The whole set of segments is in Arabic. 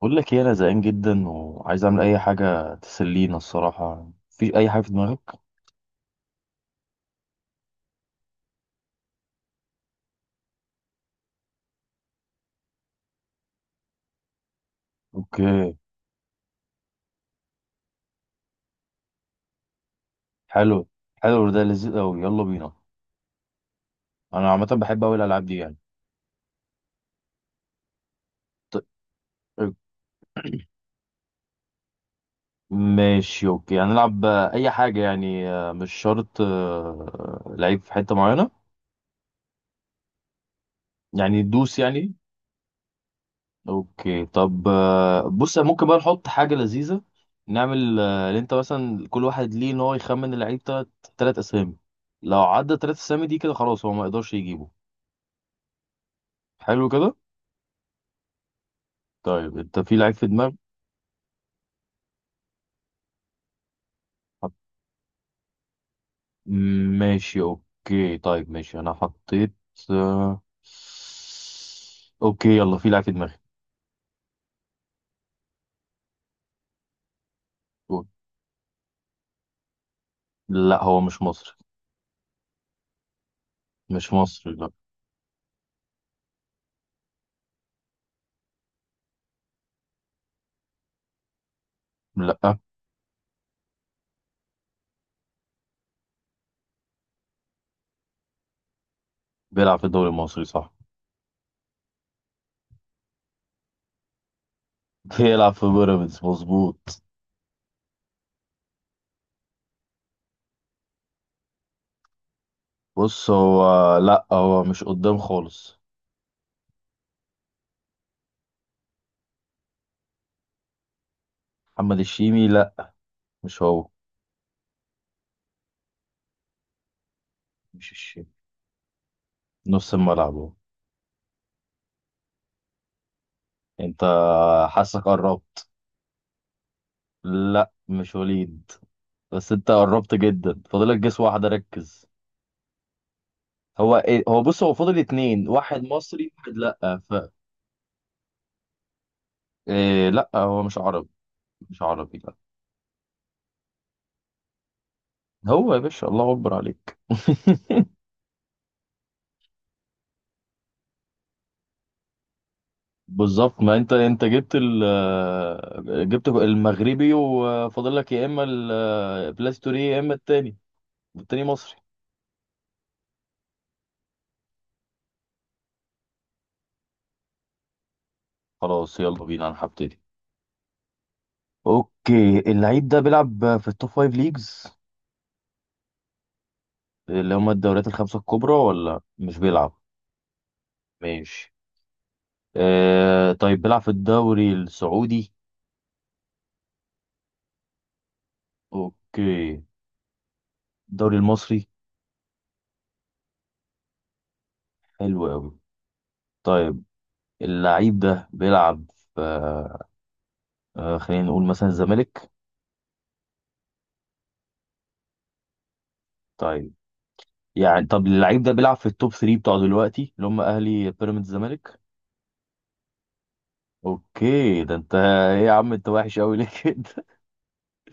بقول لك ايه؟ انا زهقان جدا وعايز اعمل اي حاجه تسلينا الصراحه. في اي حاجه في دماغك؟ اوكي. حلو. حلو ده لذيذ قوي، يلا بينا. انا عامه بحب قوي الالعاب دي يعني. ط- ماشي اوكي، هنلعب، اي حاجه يعني، مش شرط لعيب في حته معينه، يعني دوس يعني. اوكي طب، بص ممكن بقى نحط حاجه لذيذه. نعمل اللي انت مثلا كل واحد ليه ان هو يخمن اللعيب تلات اسامي. لو عدى تلات اسامي دي كده خلاص هو ما يقدرش يجيبه. حلو كده. طيب انت في لعيب في دماغك؟ حط... ماشي اوكي، طيب ماشي، انا حطيت. آه، اوكي يلا، في لعيب في دماغي. قول. لا، هو مش مصري. مش مصري لا. لا، بيلعب في الدوري المصري صح. بيلعب في بيراميدز مظبوط. بص هو، لا هو مش قدام خالص. محمد الشيمي لا، مش هو. مش الشيمي، نص الملعب هو. انت حاسك قربت. لا مش وليد، بس انت قربت جدا، فاضلك جس واحدة، ركز. هو ايه، هو بص هو فاضل اتنين، واحد مصري واحد لأ، ف... إيه لأ، هو مش عربي. مش عربي لأ. هو يا باشا، الله أكبر عليك. بالظبط، ما انت جبت ال، جبت المغربي وفاضل لك يا اما البلاستوري يا اما التاني. والتاني مصري. خلاص يلا بينا، انا هبتدي. اوكي، اللعيب ده بيلعب في التوب فايف ليجز اللي هما الدوريات الخمسة الكبرى، ولا مش بيلعب؟ ماشي. آه طيب، بيلعب في الدوري السعودي؟ اوكي. الدوري المصري؟ حلو قوي. طيب، اللعيب ده بيلعب في خلينا نقول مثلا الزمالك. طيب. يعني طب، اللعيب ده بيلعب في التوب 3 بتوع دلوقتي اللي هم اهلي بيراميدز الزمالك؟ اوكي، ده انت ايه يا عم، انت وحش قوي ليه كده؟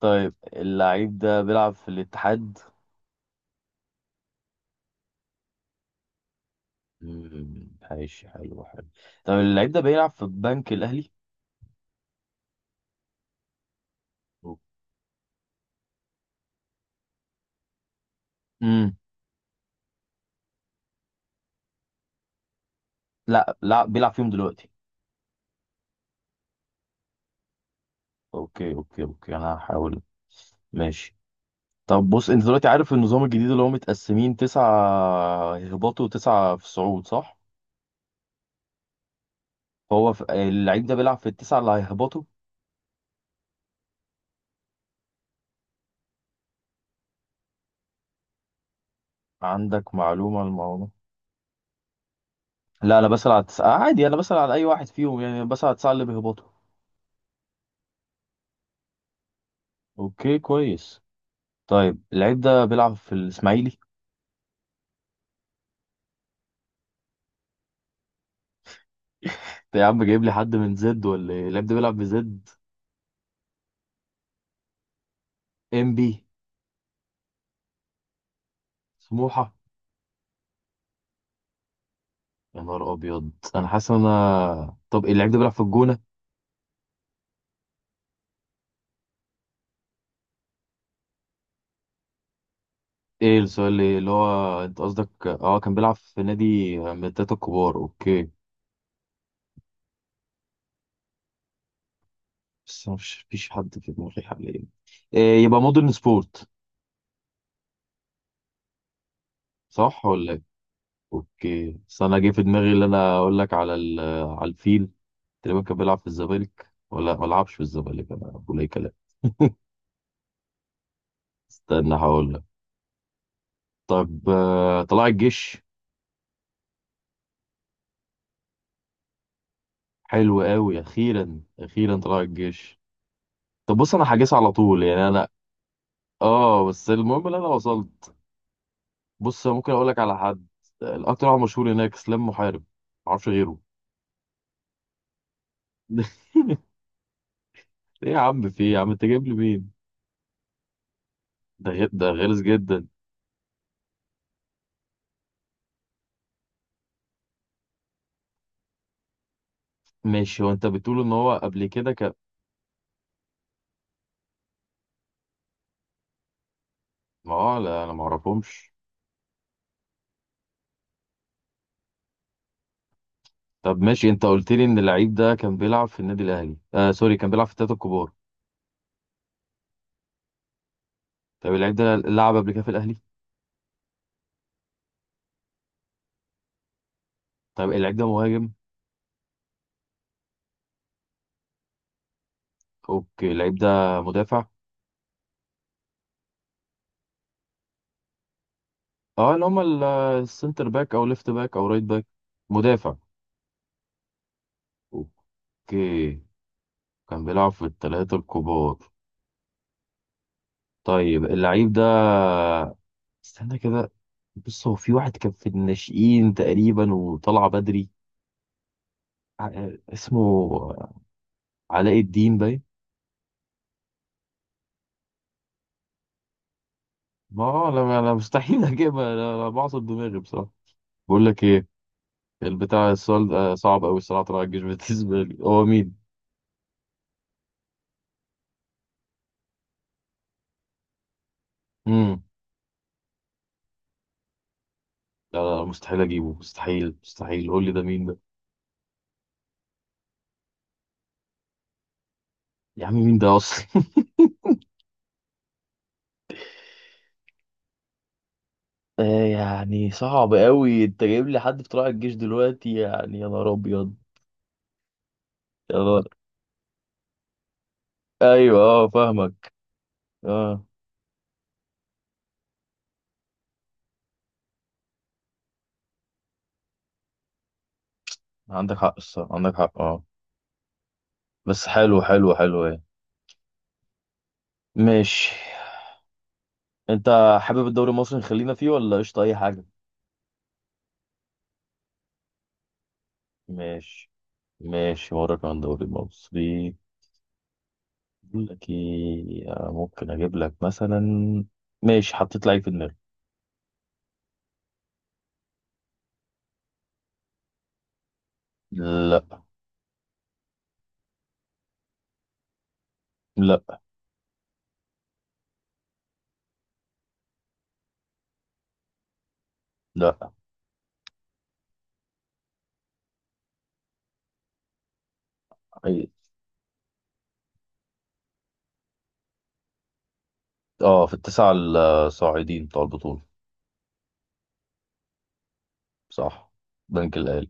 طيب، اللعيب ده بيلعب في الاتحاد؟ مم، ماشي، حلو حلو. طب اللعيب ده بيلعب في البنك الاهلي؟ امم لا، لا بيلعب فيهم دلوقتي. اوكي اوكي اوكي، انا هحاول. ماشي. طب بص، انت دلوقتي عارف النظام الجديد اللي هو متقسمين تسعة هباطوا وتسعة في صعود صح؟ هو اللعيب ده بيلعب في التسعة اللي هيهبطوا؟ عندك معلومة عن الموضوع ده؟ لا انا بسأل على التسعة عادي، انا بسأل على اي واحد فيهم يعني، أنا بسأل على التسعة اللي بيهبطوا. اوكي كويس. طيب اللعيب ده بيلعب في الاسماعيلي؟ انت يا عم جايب لي حد من زد ولا ايه؟ اللعيب ده بيلعب في زد؟ ام بي؟ سموحة؟ يا نهار ابيض، انا حاسس ان انا، طب اللعيب ده بيلعب في الجونة؟ ايه السؤال اللي هو انت قصدك، اه كان بيلعب في نادي من التلاتة الكبار. اوكي، بس أنا مش فيش حد في دماغي حاليا. إيه يبقى مودرن سبورت، صح ولا ايه؟ اوكي، بس انا جه في دماغي اللي انا اقول لك على على الفيل. تقريبا كان بيلعب في الزمالك ولا ما لعبش في الزمالك، انا بقول اي كلام. استنى هقول لك. طب، طلائع الجيش. حلو قوي، اخيرا اخيرا طلائع الجيش. طب بص، انا هجيس على طول يعني انا. اه بس المهم اللي انا وصلت. بص ممكن اقول لك على حد، الاكتر واحد مشهور هناك اسلام محارب، معرفش غيره. ايه يا عم، في ايه يا عم، انت جايب لي مين؟ ده ده غلس جدا. ماشي، هو انت بتقول ان هو قبل كده كان؟ ما هو لا، انا ما اعرفهمش. طب ماشي، انت قلت لي ان اللعيب ده كان بيلعب في النادي الاهلي، سوري، كان بيلعب في الثلاثه الكبار. طب اللعيب ده لعب قبل كده في الاهلي؟ طب اللعيب ده مهاجم؟ اوكي، اللعيب ده مدافع؟ اه، اللي هم السنتر باك او ليفت باك او رايت باك، مدافع. اوكي، كان بيلعب في الثلاثة الكبار. طيب اللعيب ده، استنى كده. بص هو في واحد كان في الناشئين تقريبا وطلع بدري، اسمه علاء الدين باين. ما هو انا مستحيل اجيبها، انا أنا بعصب دماغي بصراحة. بقول لك ايه، البتاع السؤال ده صعب قوي الصراحة. طلع الجيش بالنسبة لي هو مين؟ امم. لا لا لا، مستحيل اجيبه، مستحيل مستحيل، قول لي ده مين ده. يا عم مين ده اصلا؟ يعني صعب قوي، انت جايب لي حد في طلائع الجيش دلوقتي يعني، يا نهار ابيض. يا نهار. ايوه اه فاهمك. اه، عندك حق الصراحه، عندك حق اه. بس حلو حلو حلو. ايه ماشي. انت حابب الدوري المصري نخلينا فيه ولا قشطه اي حاجه؟ ماشي، ماشي وراك عن الدوري المصري. بقول لك ايه، ممكن اجيب لك مثلا. ماشي حطيت لعيب في دماغي. لا. لا. لا. إيه. اه في التسعه الصاعدين بتوع البطوله. صح، بنك الاهلي.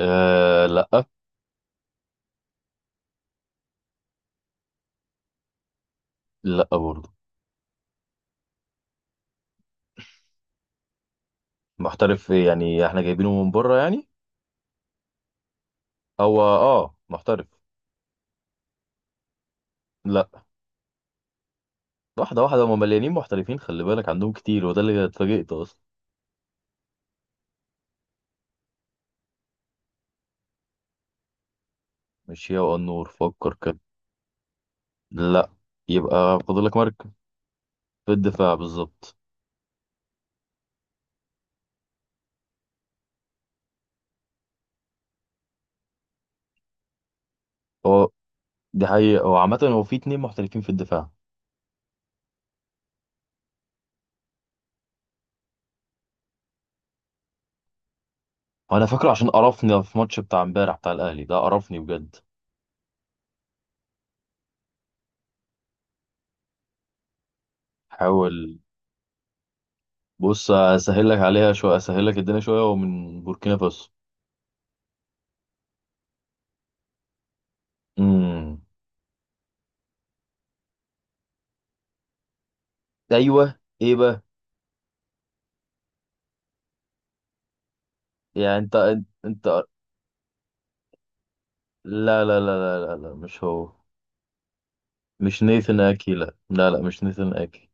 آه لا. لا برضه. محترف ايه يعني، احنا جايبينه من بره يعني؟ هو اه محترف. لا. واحده واحده، هم مليانين محترفين خلي بالك، عندهم كتير وده اللي اتفاجئت اصلا. مش هي والنور، فكر كده. لا. يبقى فاضلك مركز. في الدفاع بالظبط هو. دي حقيقة، هو عامة هو في اتنين محترفين في الدفاع. وانا فاكره عشان قرفني في ماتش بتاع امبارح بتاع الاهلي ده، قرفني بجد. حاول، بص اسهل لك عليها شويه، اسهل لك الدنيا شويه، ومن بوركينا فاسو. امم. ايوه ايه بقى؟ يعني انت لا لا لا لا لا, لا. مش هو. مش نيثن اكي لا لا لا، مش نيثن اكي.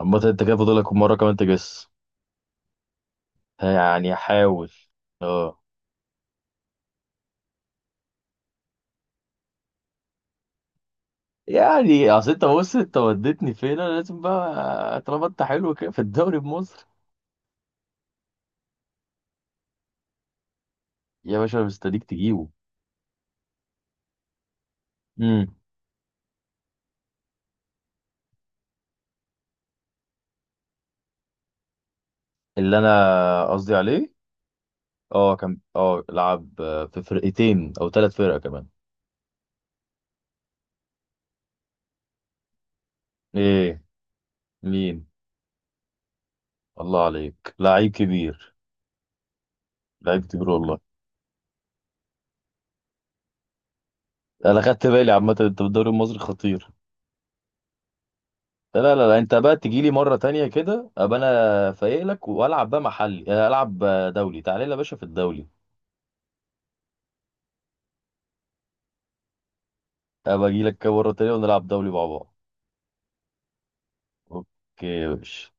عامة انت كده فاضلك مرة كمان تجس، يعني حاول. اه. يعني اصل انت بص، انت وديتني فين؟ انا لازم بقى طالما انت حلو كده في الدوري بمصر. يا باشا مستنيك تجيبه. امم اللي انا قصدي عليه، اه كان اه لعب في فرقتين او ثلاث فرق كمان. ايه؟ مين؟ الله عليك لعيب كبير. لعيب كبير والله. انا خدت بالي عامه، انت بالدوري المصري خطير. لا لا لا، انت بقى تجي لي مره تانية كده، ابقى انا فايق لك، والعب بقى محلي، العب دولي، تعالى لي يا باشا في الدولي. ابقى اجي لك كده مره تانية ونلعب دولي مع بعض. اوكي يا باشا.